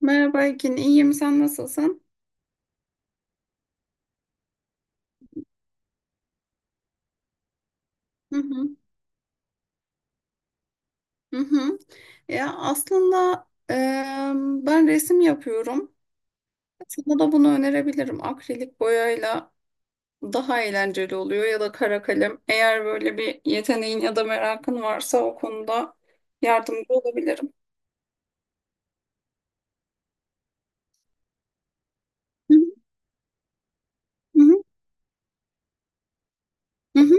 Merhaba Ekin, iyiyim. Sen nasılsın? Hı hı, hı hı. Ya aslında e, ben resim yapıyorum. Sana da bunu önerebilirim. Akrilik boyayla daha eğlenceli oluyor ya da kara kalem. Eğer böyle bir yeteneğin ya da merakın varsa o konuda yardımcı olabilirim. Hı hı, hı hı,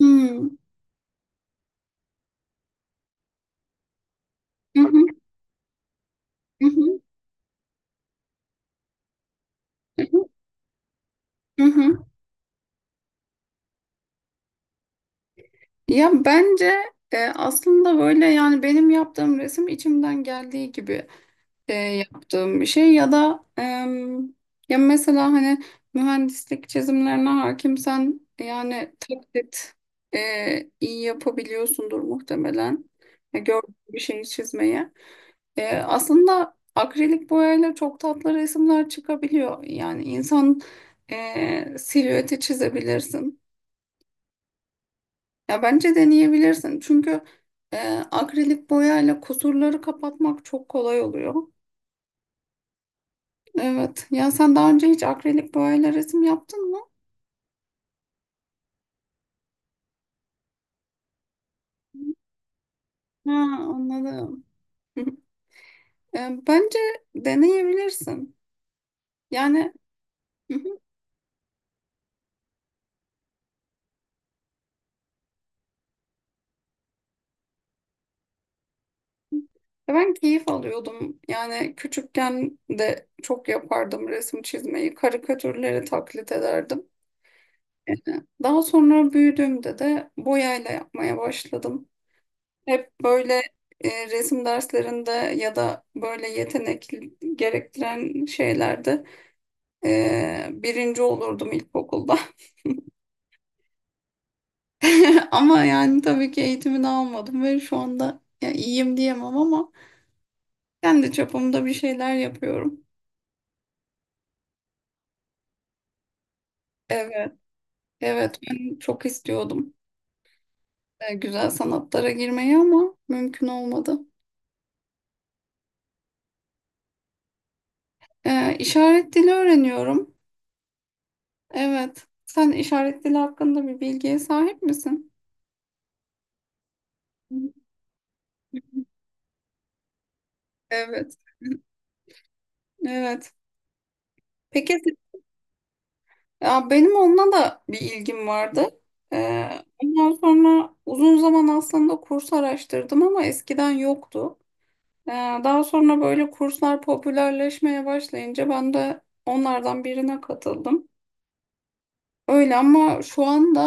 hı hı, hı hı, hı hı, hı hı, hı hı. Ya bence aslında böyle yani benim yaptığım resim içimden geldiği gibi. Yaptığım bir şey ya da ya mesela hani mühendislik çizimlerine hakimsen yani taklit iyi yapabiliyorsundur muhtemelen. Ya gördüğün bir şeyi çizmeye. Aslında akrilik boyayla çok tatlı resimler çıkabiliyor. Yani insan silüeti çizebilirsin. Ya bence deneyebilirsin. Çünkü e, akrilik boyayla kusurları kapatmak çok kolay oluyor. Evet. Ya sen daha önce hiç akrilik boyayla resim yaptın mı? Ha, anladım. Bence deneyebilirsin. Yani ben keyif alıyordum. Yani küçükken de çok yapardım resim çizmeyi. Karikatürleri taklit ederdim. E, Daha sonra büyüdüğümde de boyayla yapmaya başladım. Hep böyle resim derslerinde ya da böyle yetenek gerektiren şeylerde birinci olurdum ilkokulda. Ama yani tabii ki eğitimini almadım ve şu anda ya iyiyim diyemem ama kendi çapımda bir şeyler yapıyorum. Evet, evet ben çok istiyordum güzel sanatlara girmeyi ama mümkün olmadı. İşaret dili öğreniyorum. Evet. Sen işaret dili hakkında bir bilgiye sahip misin? Evet. Evet. Peki ya benim onunla da bir ilgim vardı. Ee, Ondan sonra uzun zaman aslında kurs araştırdım ama eskiden yoktu. Ee, Daha sonra böyle kurslar popülerleşmeye başlayınca ben de onlardan birine katıldım. Öyle ama şu anda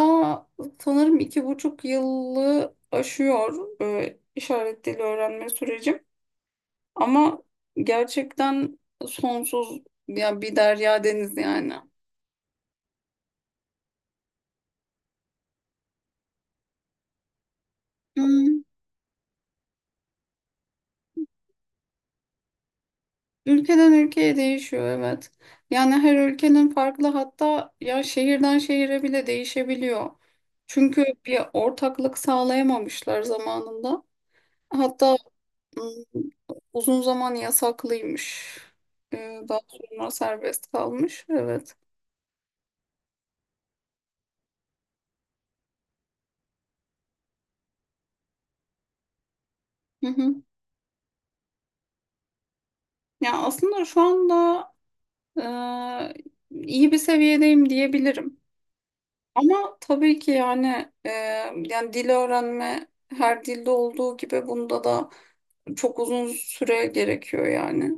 sanırım 2,5 yılı aşıyor işaret dili öğrenme sürecim. Ama gerçekten sonsuz ya bir derya deniz yani. Hmm. Ülkeden ülkeye değişiyor, evet. Yani her ülkenin farklı, hatta ya şehirden şehire bile değişebiliyor. Çünkü bir ortaklık sağlayamamışlar zamanında. Hatta ım, uzun zaman yasaklıymış. Daha sonra serbest kalmış. Evet. Hı hı. Ya aslında şu anda e, iyi bir seviyedeyim diyebilirim. Ama tabii ki yani yani dil öğrenme her dilde olduğu gibi bunda da çok uzun süre gerekiyor yani.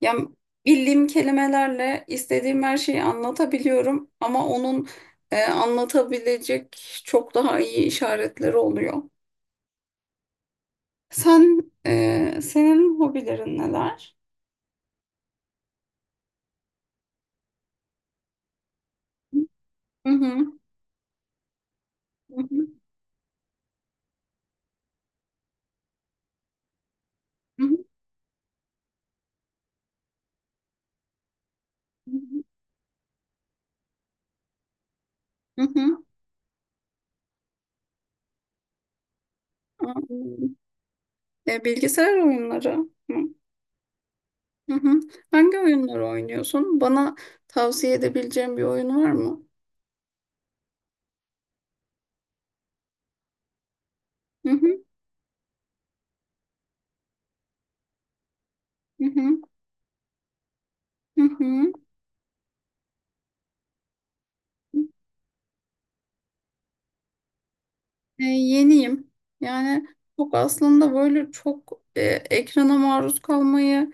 Yani bildiğim kelimelerle istediğim her şeyi anlatabiliyorum ama onun anlatabilecek çok daha iyi işaretleri oluyor. Sen senin hobilerin neler? Hı hı. Hı hı. Hı hı. Hı hı. Hı hı. Bilgisayar oyunları. Hı. Hı hı. Hangi oyunları oynuyorsun? Bana tavsiye edebileceğin bir oyun var mı? Hı hı, hı hı, hı hı. Yeniyim. Yani çok aslında böyle çok ekrana maruz kalmayı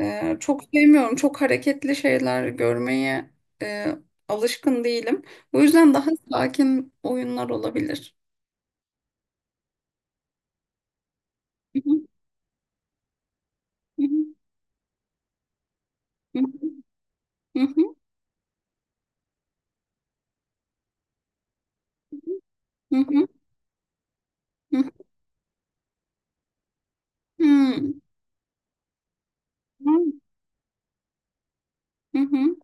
çok sevmiyorum. Çok hareketli şeyler görmeye e, alışkın değilim. O yüzden daha sakin oyunlar olabilir. Hı hı, hı hı, hı hı, hı hı, hı hı, hı hı, hmm, hı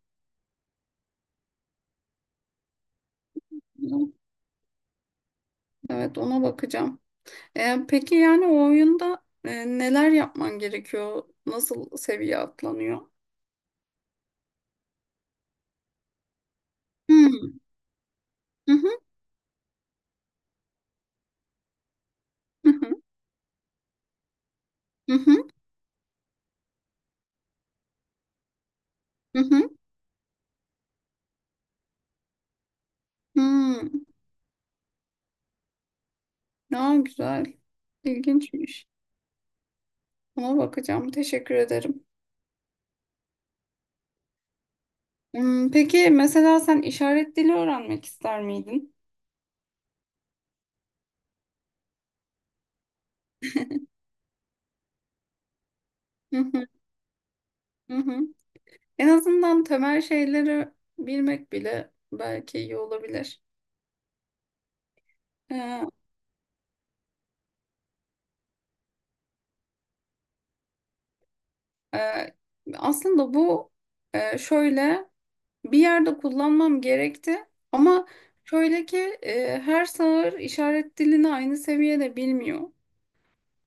hı. Evet, ona bakacağım. Peki yani o oyunda neler yapman gerekiyor? Nasıl seviye atlanıyor? Hmm. Hı hı, hı hı, hı hı, hı. Hmm. Ya güzel. İlginçmiş. Ona bakacağım. Teşekkür ederim. Hmm, peki mesela sen işaret dili öğrenmek ister miydin? Hı hı, hı. Hı. En azından temel şeyleri bilmek bile belki iyi olabilir. Ee, e, aslında bu şöyle. Bir yerde kullanmam gerekti ama şöyle ki her sağır işaret dilini aynı seviyede bilmiyor.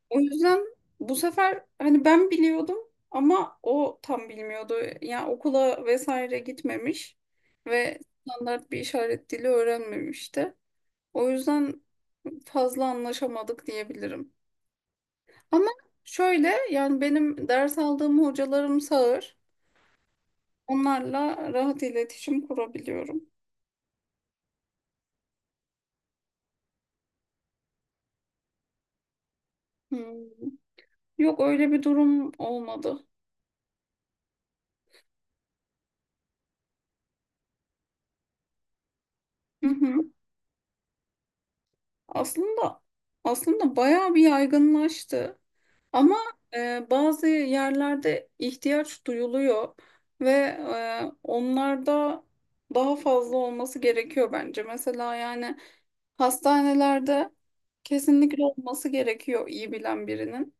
O yüzden bu sefer hani ben biliyordum ama o tam bilmiyordu. Yani okula vesaire gitmemiş ve standart bir işaret dili öğrenmemişti. O yüzden fazla anlaşamadık diyebilirim. Ama şöyle yani benim ders aldığım hocalarım sağır. Onlarla rahat iletişim kurabiliyorum. Hmm. Yok öyle bir durum olmadı. Hı hı. Aslında aslında bayağı bir yaygınlaştı. Ama bazı yerlerde ihtiyaç duyuluyor ve onlarda daha fazla olması gerekiyor bence. Mesela yani hastanelerde kesinlikle olması gerekiyor iyi bilen birinin.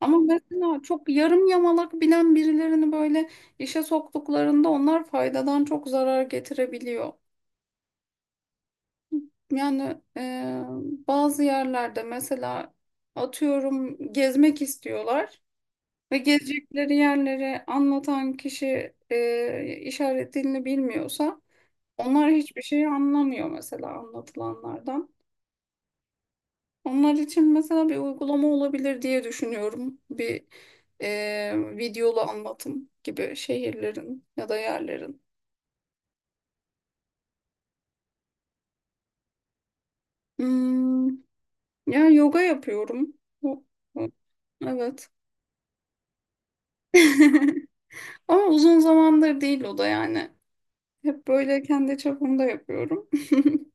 Ama mesela çok yarım yamalak bilen birilerini böyle işe soktuklarında onlar faydadan çok zarar getirebiliyor. Yani bazı yerlerde mesela atıyorum gezmek istiyorlar ve gezecekleri yerleri anlatan kişi işaret dilini bilmiyorsa onlar hiçbir şey anlamıyor mesela anlatılanlardan. Onlar için mesela bir uygulama olabilir diye düşünüyorum. Bir videolu anlatım gibi şehirlerin ya da yerlerin. Hmm, yani yoga yapıyorum. Bu- bu- Evet. Ama uzun zamandır değil o da yani. Hep böyle kendi çapımda yapıyorum.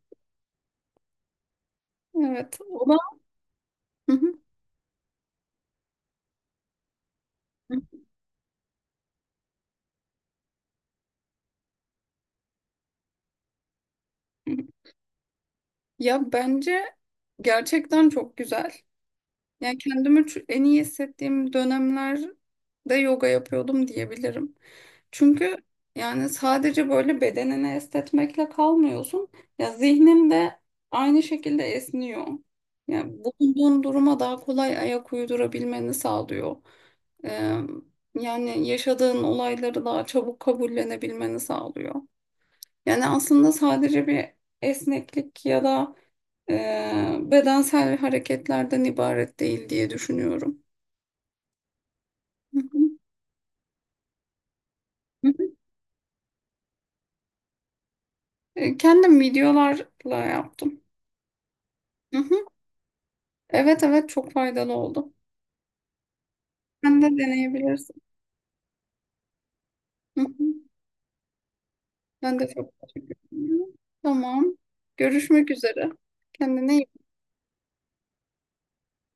Evet. O da ya bence gerçekten çok güzel. Yani kendimi en iyi hissettiğim dönemlerde yoga yapıyordum diyebilirim. Çünkü yani sadece böyle bedenini esnetmekle kalmıyorsun. Ya zihnin de aynı şekilde esniyor. Yani bulunduğun duruma daha kolay ayak uydurabilmeni sağlıyor. Ee, yani yaşadığın olayları daha çabuk kabullenebilmeni sağlıyor. Yani aslında sadece bir esneklik ya da bedensel hareketlerden ibaret değil diye düşünüyorum. Hı hı. Hı hı. Kendim videolarla yaptım. Hı hı. Evet, evet çok faydalı oldu. Sen de deneyebilirsin. Hı hı. Ben de çok teşekkür ederim. Tamam. Görüşmek üzere. Kendine iyi